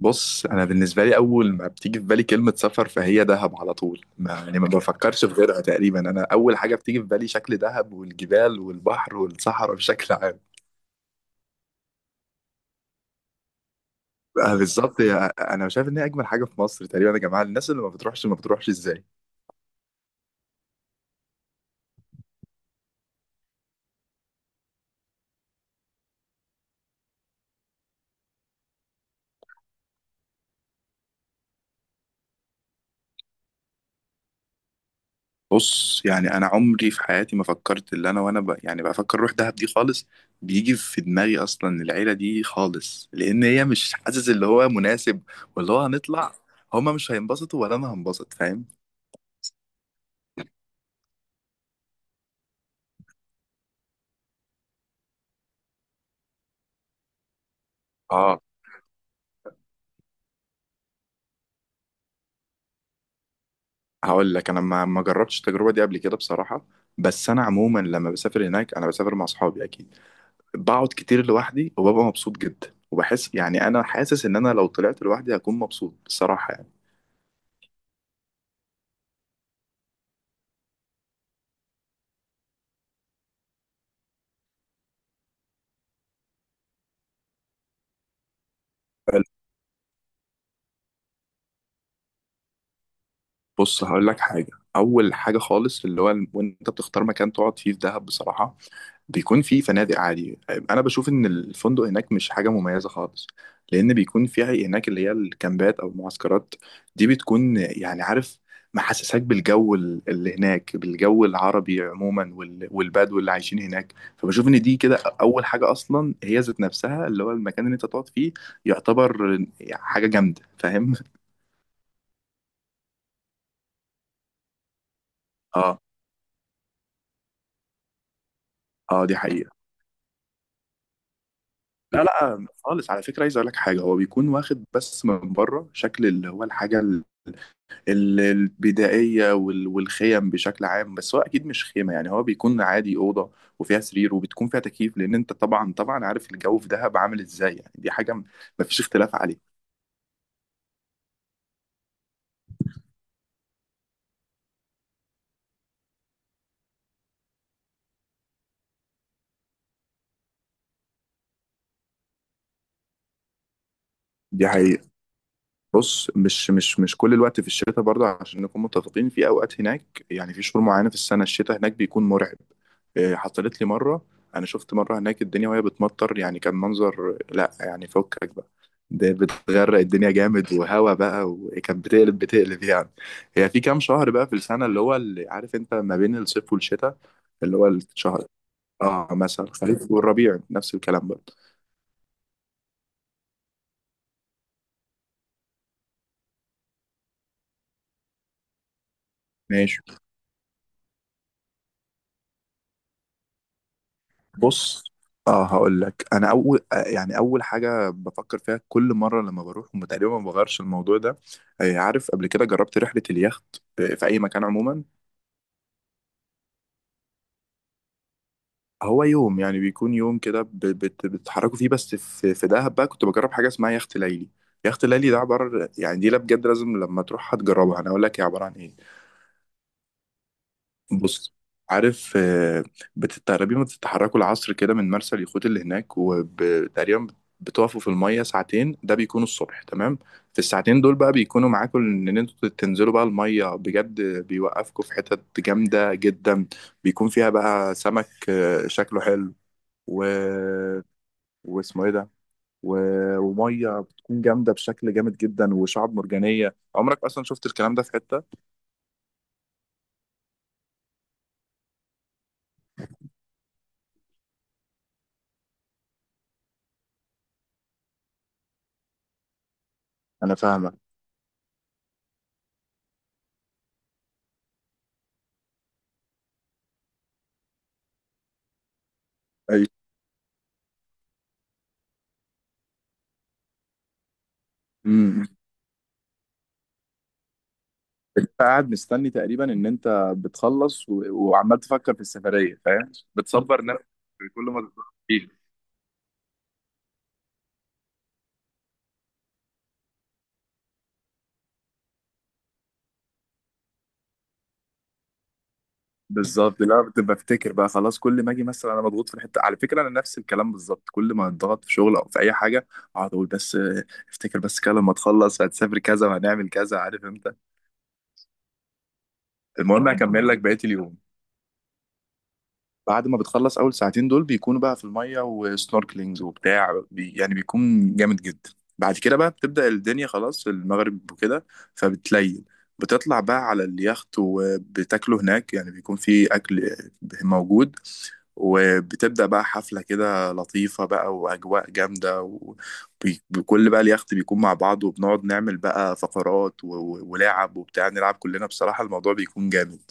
بص، انا بالنسبه لي اول ما بتيجي في بالي كلمه سفر فهي دهب على طول. ما يعني ما بفكرش في غيرها تقريبا. انا اول حاجه بتيجي في بالي شكل دهب والجبال والبحر والصحراء بشكل عام. بالظبط انا شايف ان هي اجمل حاجه في مصر تقريبا يا جماعه. الناس اللي ما بتروحش ما بتروحش ازاي؟ بص يعني انا عمري في حياتي ما فكرت اللي انا وانا يعني بفكر اروح دهب دي خالص. بيجي في دماغي اصلا العيله دي خالص، لان هي مش حاسس اللي هو مناسب واللي هو هنطلع. هما مش هينبسطوا ولا انا هنبسط، فاهم؟ اه، هقول لك. انا ما جربتش التجربه دي قبل كده بصراحه، بس انا عموما لما بسافر هناك انا بسافر مع اصحابي اكيد. بقعد كتير لوحدي وببقى مبسوط جدا وبحس يعني انا حاسس ان انا لو طلعت لوحدي هكون مبسوط بصراحه يعني. بص، هقول لك حاجه. اول حاجه خالص اللي هو وانت بتختار مكان تقعد فيه في دهب بصراحه، بيكون في فنادق عادي. انا بشوف ان الفندق هناك مش حاجه مميزه خالص، لان بيكون فيها هناك اللي هي الكامبات او المعسكرات. دي بتكون يعني، عارف، محسساك بالجو اللي هناك، بالجو العربي عموما والبدو اللي عايشين هناك، فبشوف ان دي كده اول حاجه اصلا. هي ذات نفسها اللي هو المكان اللي انت تقعد فيه، يعتبر حاجه جامده، فاهم؟ اه. اه، دي حقيقه. لا لا خالص، على فكره عايز اقول لك حاجه. هو بيكون واخد بس من بره شكل اللي هو الحاجه البدائية والخيم بشكل عام، بس هو أكيد مش خيمة. يعني هو بيكون عادي أوضة، وفيها سرير، وبتكون فيها تكييف، لأن أنت طبعا طبعا عارف الجو في دهب عامل إزاي. يعني دي حاجة مفيش اختلاف عليه. دي حقيقة. بص، مش كل الوقت في الشتاء برضه، عشان نكون متفقين. في اوقات هناك، يعني في شهور معينه في السنه، الشتاء هناك بيكون مرعب. إيه، حصلت لي مره. انا شفت مره هناك الدنيا وهي بتمطر، يعني كان منظر لا يعني فكك بقى. ده بتغرق الدنيا جامد وهوا بقى، وكانت بتقلب بتقلب يعني. هي في كام شهر بقى في السنه اللي هو اللي عارف انت ما بين الصيف والشتاء. اللي هو الشهر. اه مثلا الخريف والربيع نفس الكلام برضه. ماشي. بص، اه، هقول لك. انا اول يعني اول حاجه بفكر فيها كل مره لما بروح، وما تقريبا ما بغيرش الموضوع ده. عارف، قبل كده جربت رحله اليخت، في اي مكان عموما. هو يوم، يعني بيكون يوم كده بتتحركوا فيه. بس في في دهب بقى كنت بجرب حاجه اسمها يخت ليلي. يخت ليلي ده عباره، يعني دي لا بجد لازم لما تروحها تجربها. انا اقول لك هي عباره عن ايه. بص، عارف، بتتقربي ما بتتحركوا العصر كده من مرسى اليخوت اللي هناك، وتقريبا بتقفوا في المية ساعتين. ده بيكونوا الصبح تمام. في الساعتين دول بقى بيكونوا معاكم ان انتوا تنزلوا بقى المية بجد. بيوقفكم في حتت جامدة جدا، بيكون فيها بقى سمك شكله حلو، و... واسمه ايه ده، و... ومية بتكون جامدة بشكل جامد جدا، وشعب مرجانية عمرك اصلا شفت الكلام ده في حتة. انا فاهمك. أيوة، انت قاعد مستني تقريبا ان انت بتخلص، وعمال تفكر في السفريه، فاهم، بتصبر نفسك كل ما تفكر فيه. بالظبط. لا، بتبقى بفتكر بقى خلاص. كل ما اجي مثلا انا مضغوط في الحته، على فكره انا نفس الكلام بالظبط، كل ما اتضغط في شغل او في اي حاجه اقعد اقول بس افتكر بس كده لما تخلص هتسافر كذا وهنعمل كذا، عارف انت. المهم، هكمل لك بقيه اليوم. بعد ما بتخلص اول ساعتين دول بيكونوا بقى في الميه وسنوركلينجز وبتاع بي، يعني بيكون جامد جدا. بعد كده بقى بتبدأ الدنيا خلاص المغرب وكده، فبتليل بتطلع بقى على اليخت وبتاكلوا هناك، يعني بيكون في اكل موجود. وبتبدأ بقى حفلة كده لطيفة بقى وأجواء جامدة، وكل بقى اليخت بيكون مع بعض، وبنقعد نعمل بقى فقرات ولعب وبتاع، نلعب كلنا بصراحة. الموضوع بيكون جامد.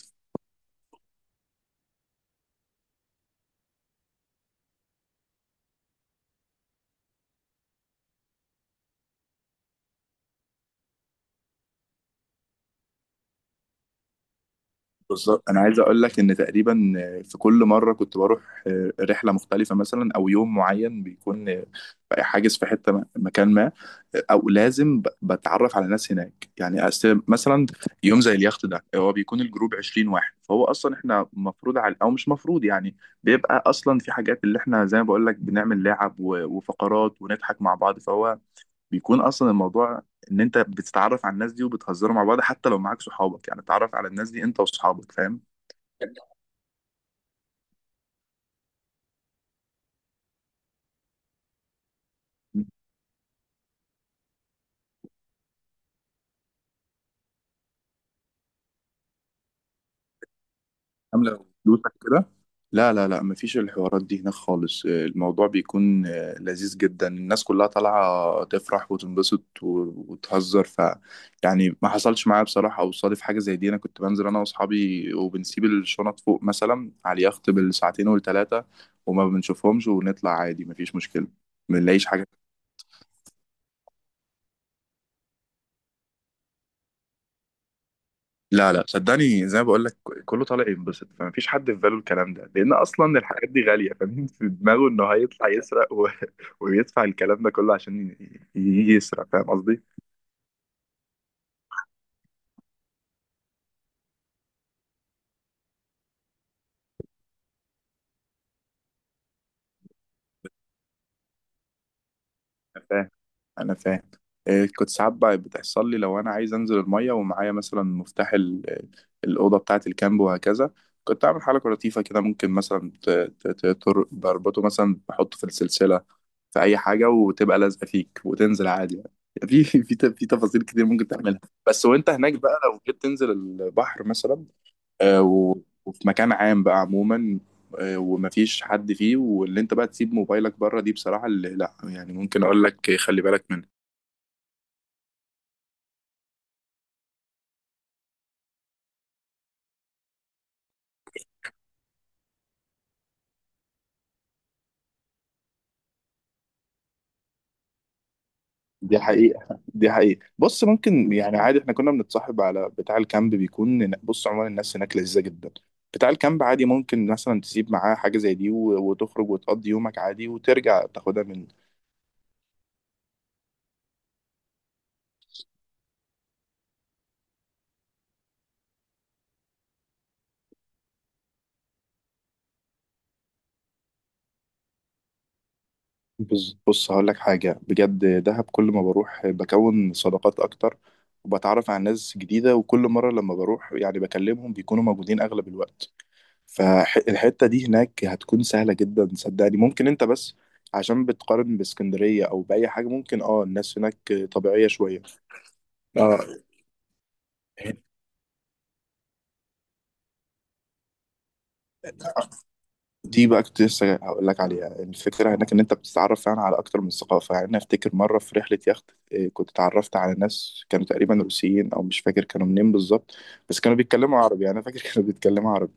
بالظبط، انا عايز اقول لك ان تقريبا في كل مره كنت بروح رحله مختلفه، مثلا او يوم معين بيكون حاجز في حته مكان ما، او لازم بتعرف على ناس هناك. يعني مثلا يوم زي اليخت ده، هو بيكون الجروب 20 واحد، فهو اصلا احنا مفروض على او مش مفروض، يعني بيبقى اصلا في حاجات اللي احنا زي ما بقول لك بنعمل لعب وفقرات ونضحك مع بعض، فهو بيكون اصلا الموضوع ان انت بتتعرف على الناس دي وبتهزروا مع بعض. حتى لو معاك صحابك، يعني تتعرف على الناس دي انت واصحابك، فاهم. عامله فلوسك كده. لا لا لا، مفيش الحوارات دي هناك خالص. الموضوع بيكون لذيذ جدا. الناس كلها طالعة تفرح وتنبسط وتهزر، ف يعني ما حصلش معايا بصراحة أو صادف حاجة زي دي. أنا كنت بنزل أنا وأصحابي وبنسيب الشنط فوق مثلا على اليخت بالساعتين والتلاتة، وما بنشوفهمش ونطلع عادي، مفيش مشكلة. ما بنلاقيش حاجة. لا لا، صدقني، زي ما بقول لك، كله طالع ينبسط. فما فيش حد في باله الكلام ده، لان اصلا الحاجات دي غاليه. فمين في دماغه انه هيطلع يسرق و... ويدفع الكلام ده كله عشان يسرق، فاهم قصدي. انا فاهم، انا فاهم. إيه، كنت ساعات بقى بتحصل لي لو انا عايز انزل الميه ومعايا مثلا مفتاح الاوضه بتاعه الكامب وهكذا. كنت اعمل حركه لطيفه كده. ممكن مثلا بربطه مثلا، بحطه في السلسله، في اي حاجه، وتبقى لازقه فيك وتنزل عادي يعني. في في في تفاصيل كتير ممكن تعملها، بس. وانت هناك بقى لو جيت تنزل البحر مثلا، آه، و- وفي مكان عام بقى عموما، ومفيش حد فيه، واللي انت بقى تسيب موبايلك بره، دي بصراحة اللي لا، يعني ممكن اقول لك خلي بالك منها. دي حقيقة دي حقيقة. بص، ممكن يعني عادي. احنا كنا بنتصاحب على بتاع الكامب، بيكون بص عموما الناس هناك لذيذة جدا. بتاع الكامب عادي ممكن مثلا تسيب معاه حاجة زي دي، وتخرج وتقضي يومك عادي وترجع تاخدها من. بص بص، هقول لك حاجة بجد. دهب كل ما بروح بكون صداقات أكتر، وبتعرف على ناس جديدة، وكل مرة لما بروح يعني بكلمهم بيكونوا موجودين أغلب الوقت. فالحتة دي هناك هتكون سهلة جدا، صدقني. ممكن أنت بس عشان بتقارن باسكندرية أو بأي حاجة، ممكن أه، الناس هناك طبيعية شوية. أه. دي بقى كنت لسه هقول لك عليها. الفكرة هناك إن أنت بتتعرف فعلا على أكتر من ثقافة. يعني أنا أفتكر مرة في رحلة يخت، إيه، كنت اتعرفت على ناس كانوا تقريبا روسيين، أو مش فاكر كانوا منين بالظبط، بس كانوا بيتكلموا عربي. يعني أنا فاكر كانوا بيتكلموا عربي.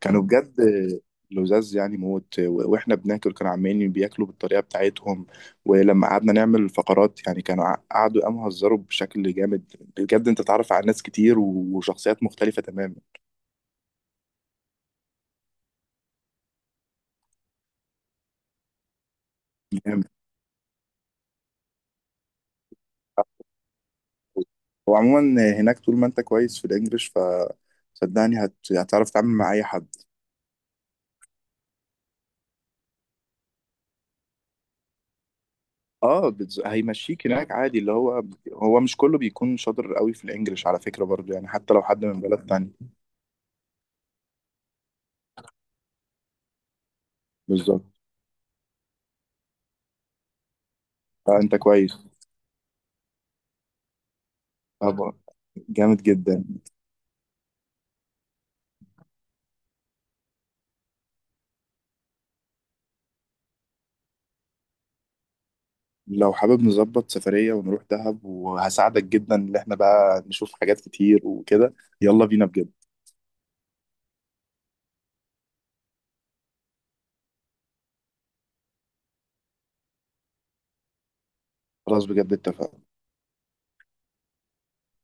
كانوا بجد لزاز يعني موت. وإحنا بناكل كانوا عمالين بياكلوا بالطريقة بتاعتهم. ولما قعدنا نعمل فقرات يعني كانوا قعدوا قاموا هزروا بشكل جامد بجد. أنت تتعرف على ناس كتير وشخصيات مختلفة تماما. جامد. هو عموما هناك طول ما انت كويس في الانجليش، ف صدقني هتعرف تتعامل مع اي حد. اه، هيمشيك هناك عادي اللي هو. هو مش كله بيكون شاطر قوي في الانجليش على فكرة برضو، يعني حتى لو حد من بلد تانية. بالظبط، فانت كويس. طبعا. جامد جدا. لو حابب نظبط سفرية ونروح دهب، وهساعدك جدا ان احنا بقى نشوف حاجات كتير وكده. يلا بينا بجد. خلاص بجد، اتفقنا.